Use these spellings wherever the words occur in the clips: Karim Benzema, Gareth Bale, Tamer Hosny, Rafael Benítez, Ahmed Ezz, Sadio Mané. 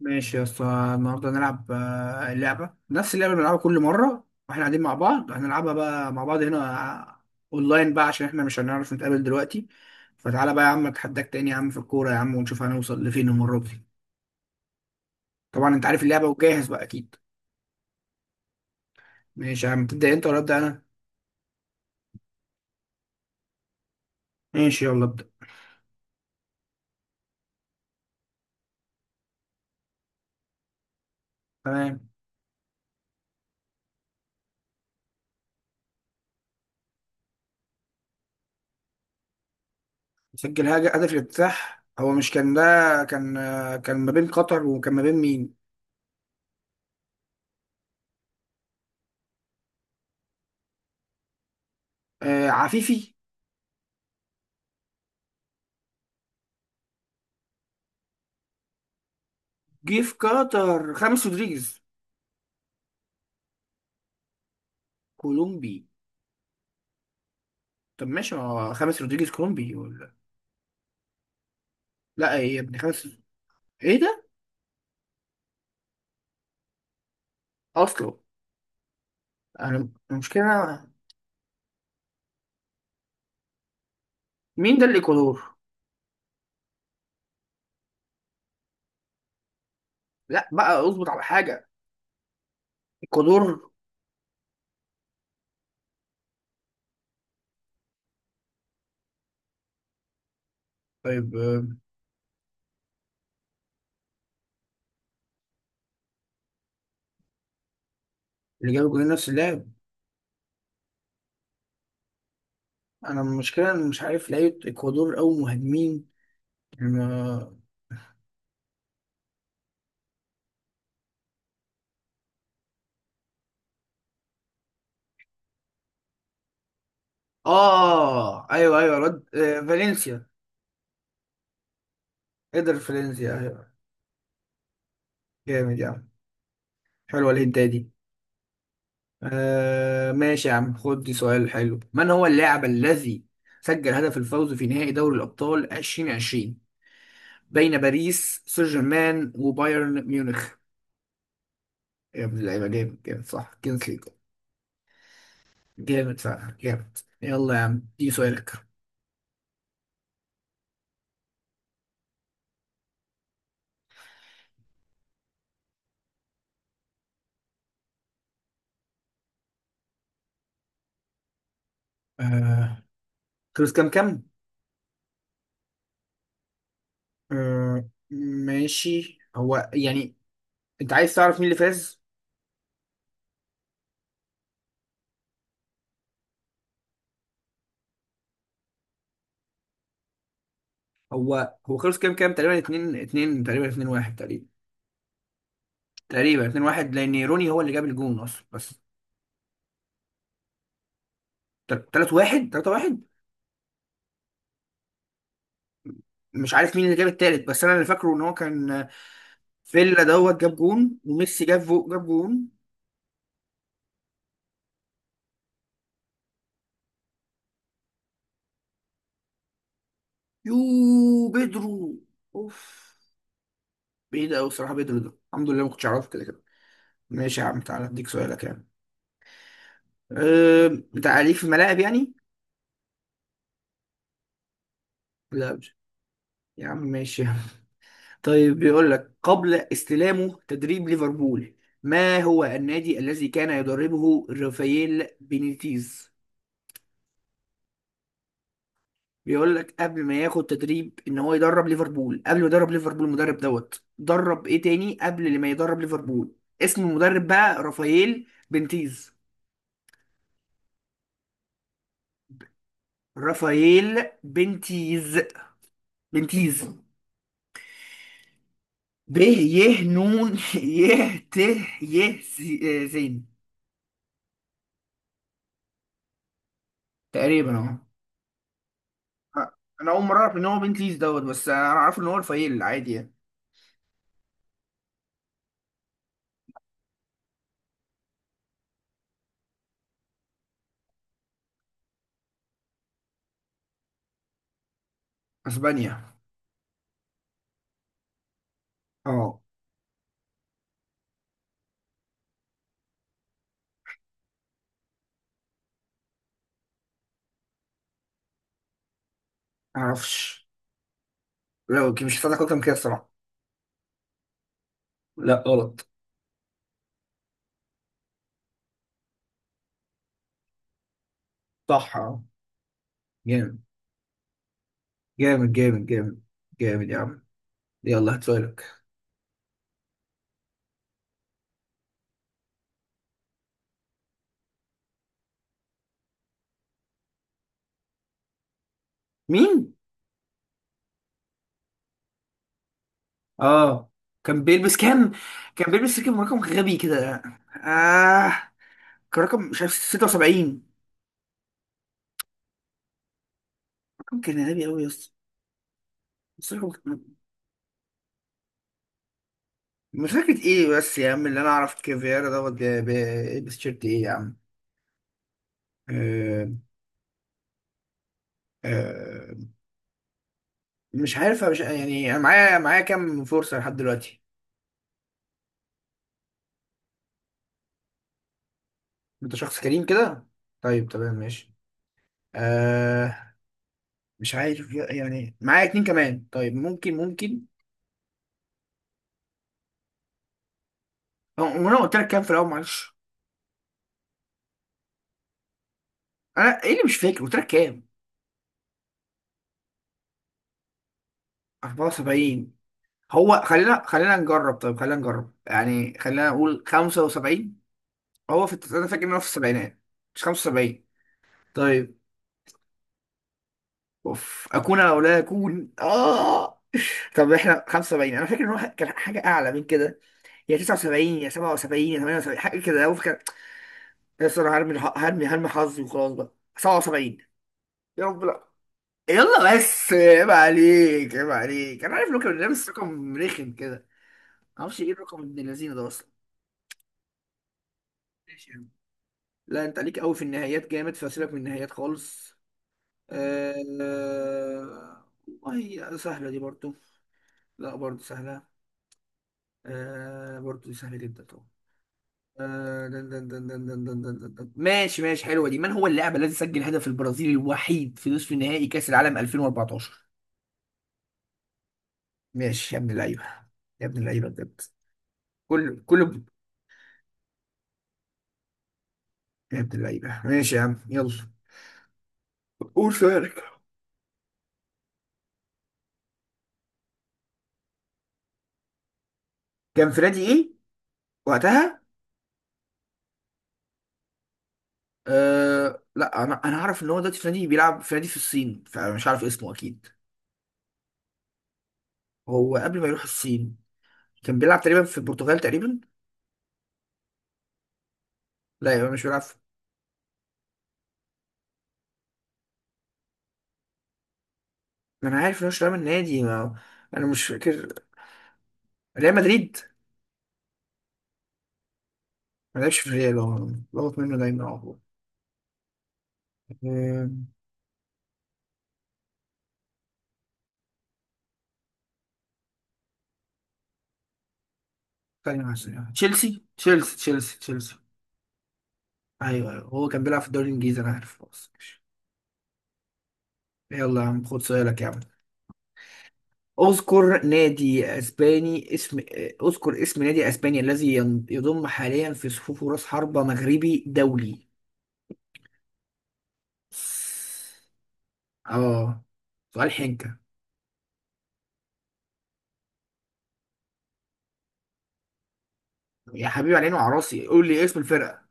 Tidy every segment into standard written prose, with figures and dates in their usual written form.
ماشي يا اسطى. النهارده هنلعب اللعبة، نفس اللعبة اللي بنلعبها كل مرة واحنا قاعدين مع بعض، هنلعبها بقى مع بعض هنا، آه، اونلاين بقى عشان احنا مش هنعرف نتقابل دلوقتي. فتعالى بقى يا عم، اتحداك تاني يا عم في الكورة يا عم، ونشوف هنوصل لفين المرة دي. طبعا انت عارف اللعبة وجاهز بقى اكيد. ماشي يا عم، تبدأ انت ولا ابدأ انا؟ ماشي، يلا ابدأ. تمام. سجل هدف الافتتاح، هو مش كان ده؟ كان ما بين قطر وكان ما بين مين؟ عفيفي. جه في قطر خامس رودريجيز، كولومبي. طب ماشي، ما هو خامس رودريجيز كولومبي ولا؟ لا، ايه يا ابني خامس؟ ايه ده؟ اصله. انا المشكله. مين ده الاكوادور؟ لا بقى، اظبط على حاجه. الاكوادور. طيب. اللي جاب جولين نفس اللاعب. انا المشكله، انا مش عارف لعيبه الاكوادور او مهاجمين. ما- اه، ايوه ايوه، الواد فالنسيا. قدر فالنسيا، ايوه. جامد يعني. حلوه الهنتايه دي. ماشي يا عم، خد دي سؤال حلو. من هو اللاعب الذي سجل هدف الفوز في نهائي دوري الأبطال 2020 بين باريس سان جيرمان وبايرن ميونخ؟ يا ابن اللعيبة، جامد جامد، صح كينسلي. جامد فعلا، جامد. يلا يا عم، دي سؤالك. آه، خلص كام كام. آه، ماشي. هو يعني، انت عايز تعرف مين اللي فاز؟ هو خلص كام كام؟ تقريبا 2 2، تقريبا 2 1، تقريبا. تقريبا 2 1 لان روني هو اللي جاب الجون اصلا، بس. 3 1، 3 1. مش عارف مين اللي جاب التالت، بس انا اللي فاكره ان هو كان. فيلا دوت جاب جون، وميسي جاب جون. بيدرو. اوف. بعيد قوي الصراحه بيدرو ده، الحمد لله ما كنتش اعرفه كده كده. ماشي يا عم، تعالى اديك سؤالك يعني. أه بتاع ليك في الملاعب يعني. لا مش. يا عم ماشي يا عم. طيب بيقول لك قبل استلامه تدريب ليفربول، ما هو النادي الذي كان يدربه رافائيل بينيتيز؟ بيقول لك قبل ما ياخد تدريب ان هو يدرب ليفربول، قبل ما يدرب ليفربول المدرب دوت، درب ايه تاني قبل ما يدرب ليفربول؟ اسم المدرب بقى رافائيل بنتيز. رافائيل بنتيز. بنتيز. ب، ي، نون ي، ت، ي، زين. تقريبا اهو. انا اول مره اعرف ان هو بنتيز دوت، بس انا عارف ان هو رافائيل عادي يعني. اسبانيا. اه. معرفش. لو مش هساعدك اكتر من كده الصراحه. لا غلط. صح، اه. جامد. جامد جامد جامد. جامد يا عم. يلا هات سؤالك. مين؟ اه. كان بيلبس كام؟ كان بيلبس كام؟ رقم غبي كده. اه. كان رقم مش عارف 76. رقم كان غبي قوي يا اسطى. بس رقم كان- مش فاكر ايه بس يا عم. اللي انا اعرف كافيارا دوت بيلبس تيشيرت ايه يا عم. آه آه مش عارف، مش يعني. انا معايا كام فرصة لحد دلوقتي؟ انت شخص كريم كده؟ طيب تمام ماشي. آه مش عارف يعني. معايا اتنين كمان طيب، ممكن، ممكن. هو انا قلت لك كام في الاول معلش. انا ايه اللي مش فاكر، قلت لك كام؟ 74. هو خلينا نجرب، طيب خلينا نجرب يعني، خلينا نقول 75. هو انا فاكر ان هو في السبعينات، مش 75. طيب. اوف، اكون او لا اكون اه. طب احنا 75، انا فاكر ان هو كان حاجه اعلى من كده. يا 79 يا 77 يا 78، حاجه كده هو فاكر. يا أسطى انا هرمي هرمي حظي وخلاص بقى. 77. يا رب لا. يلا بس، عيب عليك عيب عليك، انا عارف رقم لابس رقم رخم كده. معرفش ايه الرقم ابن اللذينه ده اصلا. ماشي يا عم. لا انت ليك قوي في النهايات جامد، فسيبك من النهايات خالص. آه... والله سهله دي برضو. لا، برضو سهله. برضو دي سهله جدا طبعا. دن دن دن دن دن دن دن دن دن. ماشي ماشي، حلوه دي. من هو اللاعب الذي سجل هدف البرازيل الوحيد في نصف نهائي كاس العالم 2014؟ ماشي يا ابن اللعيبه. يا ابن اللعيبه بجد. كله كله. يا ابن اللعيبة، ماشي يا عم يلا. قول سؤالك. كان فرادي ايه؟ وقتها. لا، انا عارف ان هو دلوقتي فرادي بيلعب فرادي في الصين، فمش عارف اسمه اكيد. هو قبل ما يروح الصين كان بيلعب تقريبا في البرتغال، تقريبا. لا، يبقى مش بيلعب في... ما انا عارف ان هو مش لاعب النادي ما... انا مش فاكر. ريال مدريد. ما لعبش في الريال هو. بغلط منه دايما على طول. آه، ثانية واحدة، ثانية واحدة. تشيلسي تشيلسي تشيلسي تشيلسي. ايوه ايوه، هو كان بيلعب في الدوري الانجليزي، انا عارف خلاص ماشي. يلا يا عم خد سؤالك يا عم. اذكر نادي اسباني اسم. اذكر اسم نادي اسباني الذي يضم حاليا في صفوفه راس حربة مغربي دولي. اه. سؤال حنكة. يا حبيبي على عيني وعلى راسي، قول لي اسم الفرقة.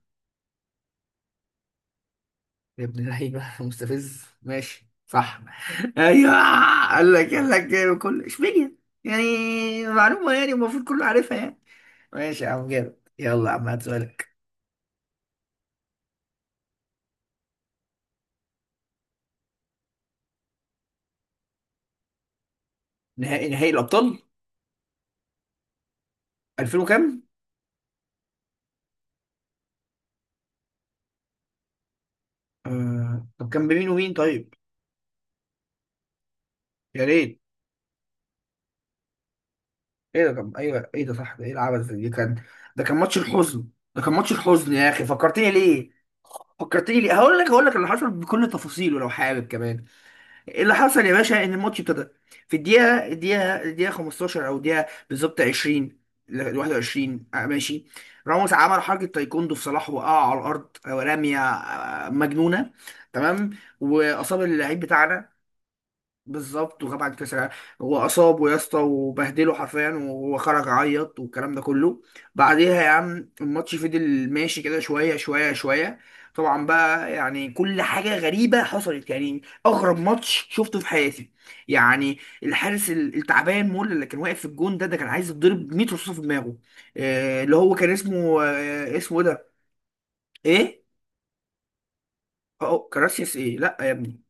يا ابن اللعيبة مستفز، ماشي صح. ايوه. قال لك كل اشبيليه يعني. معلومة يعني، المفروض كله عارفها يعني. ماشي يا عم جامد، يلا يا عم هات سؤالك. نهائي الابطال 2000 وكام؟ طب كان بمين ومين طيب؟ يا ريت. ايه ده؟ طب ايوه ايه ده، صح ده، ايه العبث ده؟ دي كان. ده كان ماتش الحزن. ده كان ماتش الحزن يا اخي، فكرتني ليه. فكرتني ليه، هقول لك اللي حصل بكل تفاصيله لو حابب كمان. اللي حصل يا باشا ان الماتش ابتدى في الدقيقه 15 او الدقيقه بالظبط 20 ل 21. ماشي. راموس عمل حركه تايكوندو في صلاح، وقع على الارض، رميه مجنونه. تمام. واصاب اللعيب بتاعنا. بالظبط، وغاب عن كاس العالم. هو اصابه يا اسطى وبهدله حرفيا، وهو خرج عيط والكلام ده كله. بعديها يا عم، الماتش فضل ماشي كده شويه شويه شويه. طبعا بقى يعني، كل حاجه غريبه حصلت، يعني اغرب ماتش شفته في حياتي. يعني الحارس التعبان مول اللي كان واقف في الجون ده كان عايز يتضرب 100 رصاصه في دماغه. اللي هو كان اسمه إيه ده؟ ايه. اه كراسياس ايه، لا يا ابني.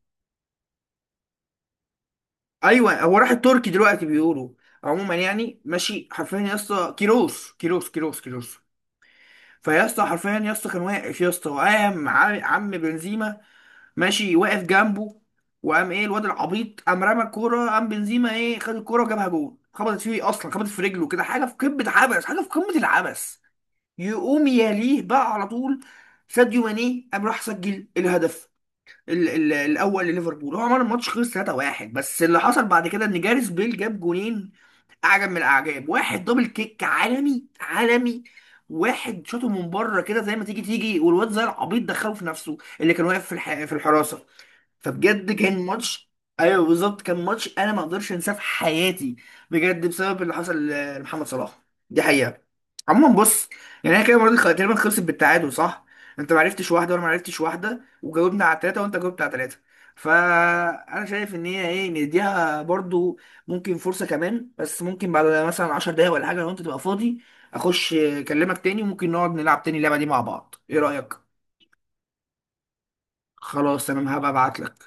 ايوه، هو راح التركي دلوقتي بيقولوا. عموما يعني، ماشي حرفيا يا اسطى. كيروس كيروس كيروس كيروس. فيا اسطى حرفيا يا اسطى، كان واقف يا اسطى، وقام عم بنزيما. ماشي واقف جنبه. وقام ايه الواد العبيط، قام رمى الكوره. قام بنزيما ايه خد الكوره وجابها جول، خبطت فيه اصلا، خبطت في رجله كده. حاجه في قمه عبث، حاجه في قمه العبث. يقوم يليه بقى على طول. ساديو ماني قام راح سجل الهدف ال ال الاول لليفربول. هو عمل الماتش خلص 3-1، بس اللي حصل بعد كده ان جاريث بيل جاب جونين. اعجب من الاعجاب. واحد دبل كيك عالمي عالمي. واحد شاطه من بره كده زي ما تيجي تيجي، والواد زي العبيط دخله في نفسه اللي كان واقف في الحراسه. فبجد كان ماتش. ايوه بالظبط، كان ماتش انا ما اقدرش انساه في حياتي بجد، بسبب اللي حصل لمحمد صلاح. دي حقيقه. عموما بص، يعني احنا كده المره دي تقريبا خلصت بالتعادل صح؟ انت ما عرفتش واحده، وانا ما عرفتش واحده، وجاوبنا على ثلاثه، وانت جاوبت على ثلاثه. فانا شايف ان هي ايه، نديها برضو ممكن فرصه كمان بس، ممكن بعد مثلا 10 دقايق ولا حاجه لو انت تبقى فاضي اخش اكلمك تاني، وممكن نقعد نلعب تاني اللعبه دي مع بعض، ايه رايك؟ خلاص تمام، هبقى ابعت لك.